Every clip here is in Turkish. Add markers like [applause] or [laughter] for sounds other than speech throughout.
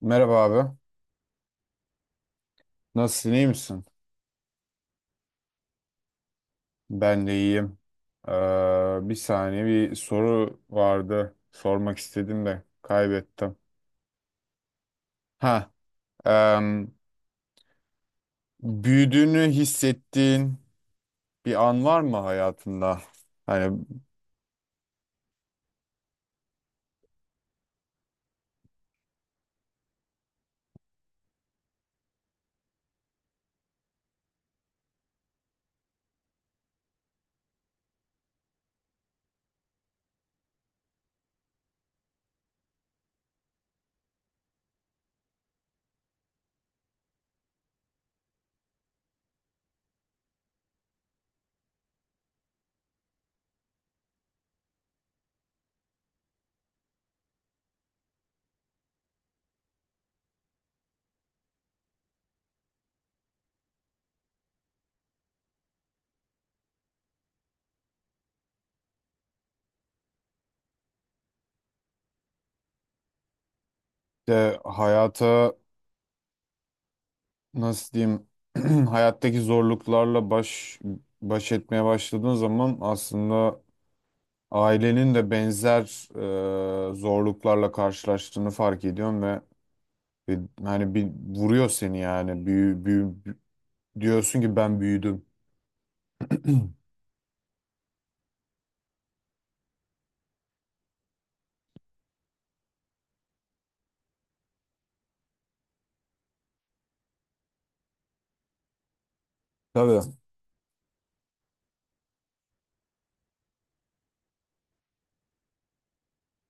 Merhaba abi. Nasılsın, iyi misin? Ben de iyiyim. Bir saniye bir soru vardı. Sormak istedim de kaybettim. Ha, em, Büyüdüğünü hissettiğin bir an var mı hayatında? Hani de hayata, nasıl diyeyim? [clears throat] Hayattaki zorluklarla baş etmeye başladığın zaman aslında ailenin de benzer zorluklarla karşılaştığını fark ediyorum ve Ve Hani bir vuruyor seni yani. Diyorsun ki ben büyüdüm. [clears throat] Tabii.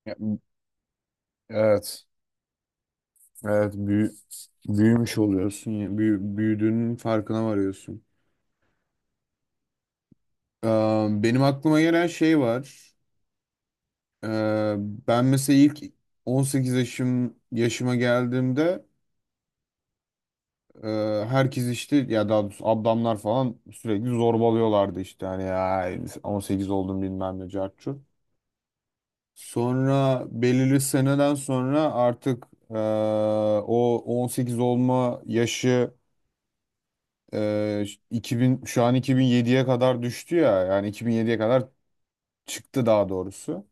Ya, evet. Evet, büyümüş oluyorsun. Ya, büyüdüğünün farkına varıyorsun. Ee, Benim aklıma gelen şey var. Ee, Ben mesela ilk 18 yaşıma geldiğimde e, herkes işte ya, daha doğrusu ablamlar falan sürekli zorbalıyorlardı işte, hani ya, 18 oldum bilmem ne cart. Sonra belirli seneden sonra artık o 18 olma yaşı eee, 2000, şu an 2007'ye kadar düştü ya, yani 2007'ye kadar çıktı daha doğrusu.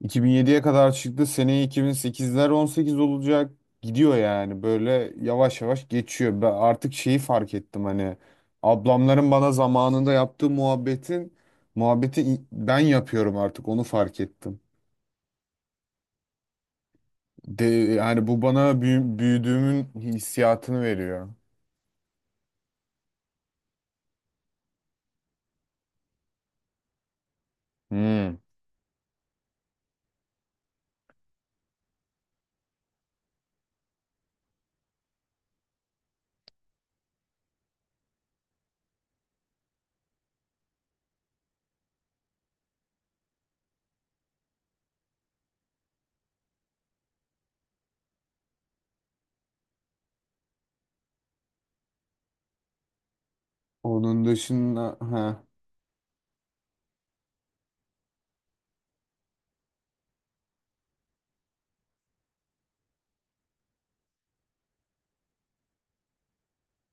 2007'ye kadar çıktı. Seneye 2008'ler 18 olacak. Gidiyor yani, böyle yavaş yavaş geçiyor. Ben artık şeyi fark ettim, hani ablamların bana zamanında yaptığı muhabbeti ben yapıyorum, artık onu fark ettim. De, yani bu bana büyüdüğümün hissiyatını veriyor. Hmm. Onun dışında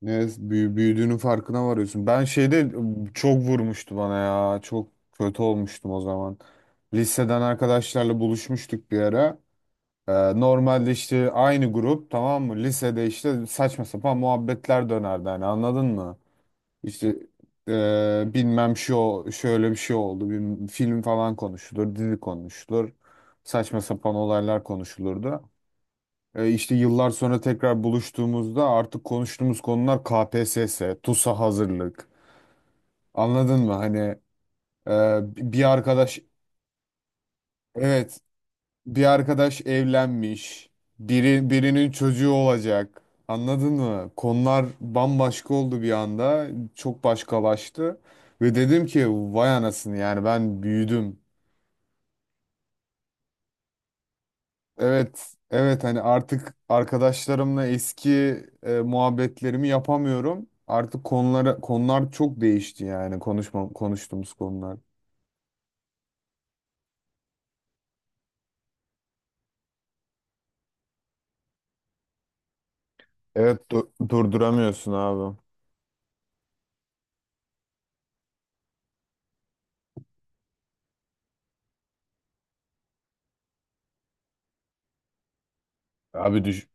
ne büyüdüğünün farkına varıyorsun. Ben şeyde çok vurmuştu bana ya. Çok kötü olmuştum o zaman. Liseden arkadaşlarla buluşmuştuk bir ara. Normalde işte aynı grup, tamam mı? Lisede işte saçma sapan muhabbetler dönerdi hani, anladın mı? İşte bilmem şu, şöyle bir şey oldu. Bir film falan konuşulur, dizi konuşulur. Saçma sapan olaylar konuşulurdu. İşte yıllar sonra tekrar buluştuğumuzda artık konuştuğumuz konular KPSS, TUS'a hazırlık. Anladın mı? Hani, e, bir arkadaş, evet, bir arkadaş evlenmiş, biri birinin çocuğu olacak. Anladın mı? Konular bambaşka oldu bir anda. Çok başkalaştı. Ve dedim ki vay anasını, yani ben büyüdüm. Evet, evet, hani artık arkadaşlarımla eski, muhabbetlerimi yapamıyorum. Artık konular çok değişti yani, konuştuğumuz konular. Evet, durduramıyorsun abi. Abi düş.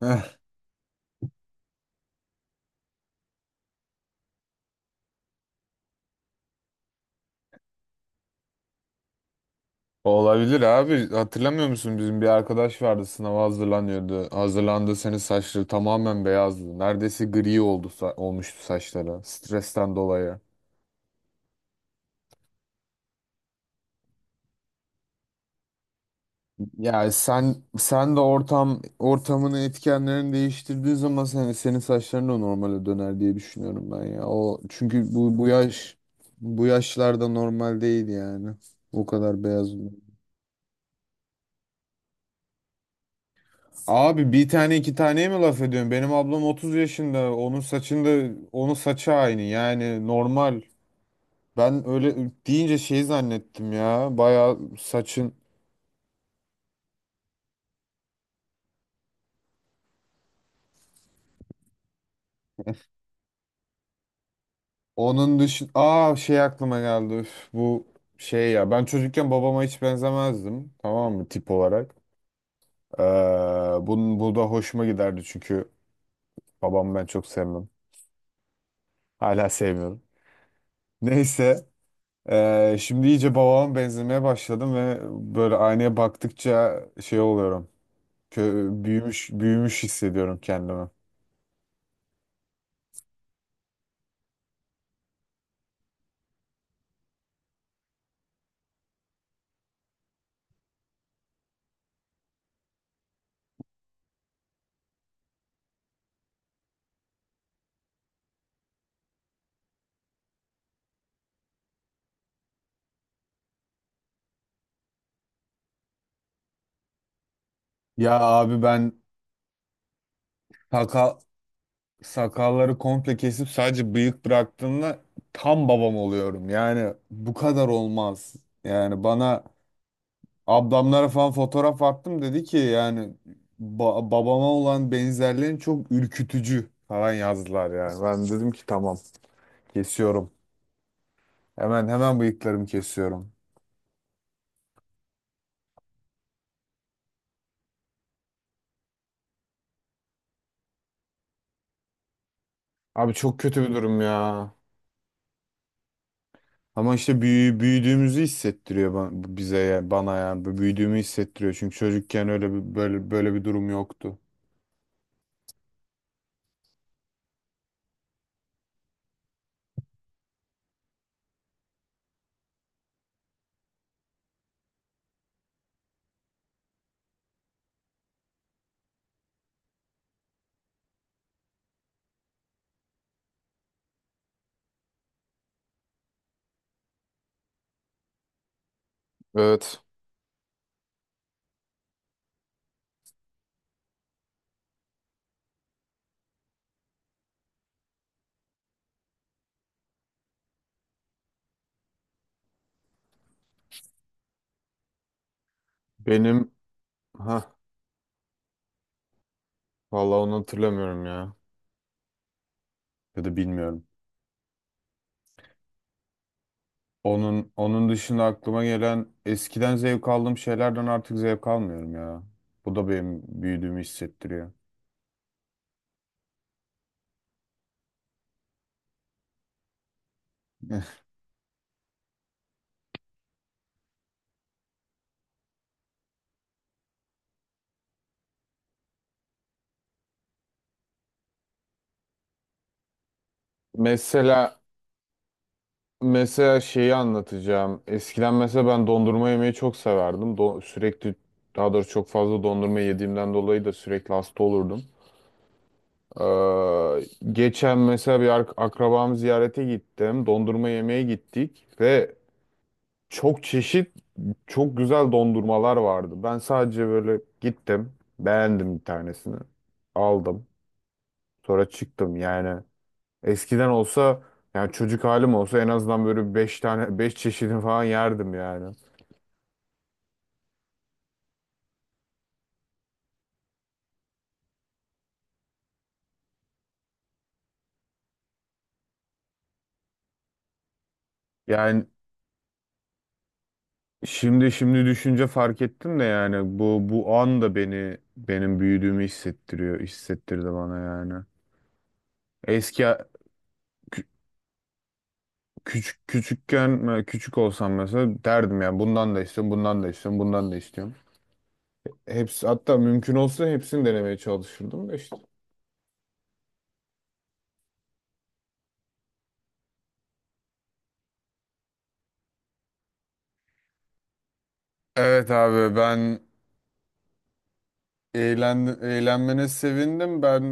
[laughs] Olabilir abi. Hatırlamıyor musun, bizim bir arkadaş vardı, sınava hazırlanıyordu. Hazırlandığı sene saçları tamamen beyazdı. Neredeyse gri olmuştu saçları stresten dolayı. Yani sen de ortamını etkenlerini değiştirdiği zaman senin saçların da normale döner diye düşünüyorum ben ya. O çünkü bu yaşlarda normal değil yani. O kadar beyaz. Abi bir tane iki taneye mi laf ediyorsun? Benim ablam 30 yaşında. Onun saçı aynı. Yani normal. Ben öyle deyince şey zannettim ya. Bayağı saçın. Onun dışı Aa, şey aklıma geldi. Üf, bu şey ya. Ben çocukken babama hiç benzemezdim. Tamam mı? Tip olarak. Bu da hoşuma giderdi çünkü babamı ben çok sevmem. Hala sevmiyorum. Neyse. Şimdi iyice babama benzemeye başladım ve böyle aynaya baktıkça şey oluyorum. Büyümüş büyümüş hissediyorum kendimi. Ya abi, ben sakal sakalları komple kesip sadece bıyık bıraktığımda tam babam oluyorum. Yani bu kadar olmaz. Yani bana, ablamlara falan fotoğraf attım, dedi ki yani babama olan benzerliğin çok ürkütücü falan yazdılar yani. Ben dedim ki tamam, kesiyorum. Hemen bıyıklarımı kesiyorum. Abi çok kötü bir durum ya. Ama işte büyüdüğümüzü hissettiriyor bize ya, bana ya. Bu büyüdüğümü hissettiriyor. Çünkü çocukken öyle bir böyle böyle bir durum yoktu. Evet. Benim ha Vallahi onu hatırlamıyorum ya. Ya da bilmiyorum. Onun dışında aklıma gelen, eskiden zevk aldığım şeylerden artık zevk almıyorum ya. Bu da benim büyüdüğümü hissettiriyor. [laughs] Mesela Mesela şeyi anlatacağım. Eskiden mesela ben dondurma yemeyi çok severdim. Sürekli, daha doğrusu çok fazla dondurma yediğimden dolayı da sürekli hasta olurdum. Geçen mesela bir akrabam ziyarete gittim. Dondurma yemeye gittik ve çok çeşit, çok güzel dondurmalar vardı. Ben sadece böyle gittim, beğendim bir tanesini, aldım. Sonra çıktım yani. Eskiden olsa, yani çocuk halim olsa, en azından böyle beş çeşidini falan yerdim yani. Yani şimdi düşünce fark ettim de, yani bu an da benim büyüdüğümü hissettirdi bana yani. Eski kü- Küçükken, küçük olsam mesela, derdim yani bundan da istiyorum, bundan da istiyorum, bundan da istiyorum. Hepsi, hatta mümkün olsa hepsini denemeye çalışırdım da işte. Evet abi, ben eğlenmene sevindim. Ben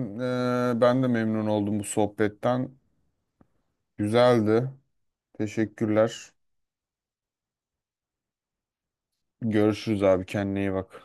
e, ben de memnun oldum bu sohbetten. Güzeldi. Teşekkürler. Görüşürüz abi, kendine iyi bak.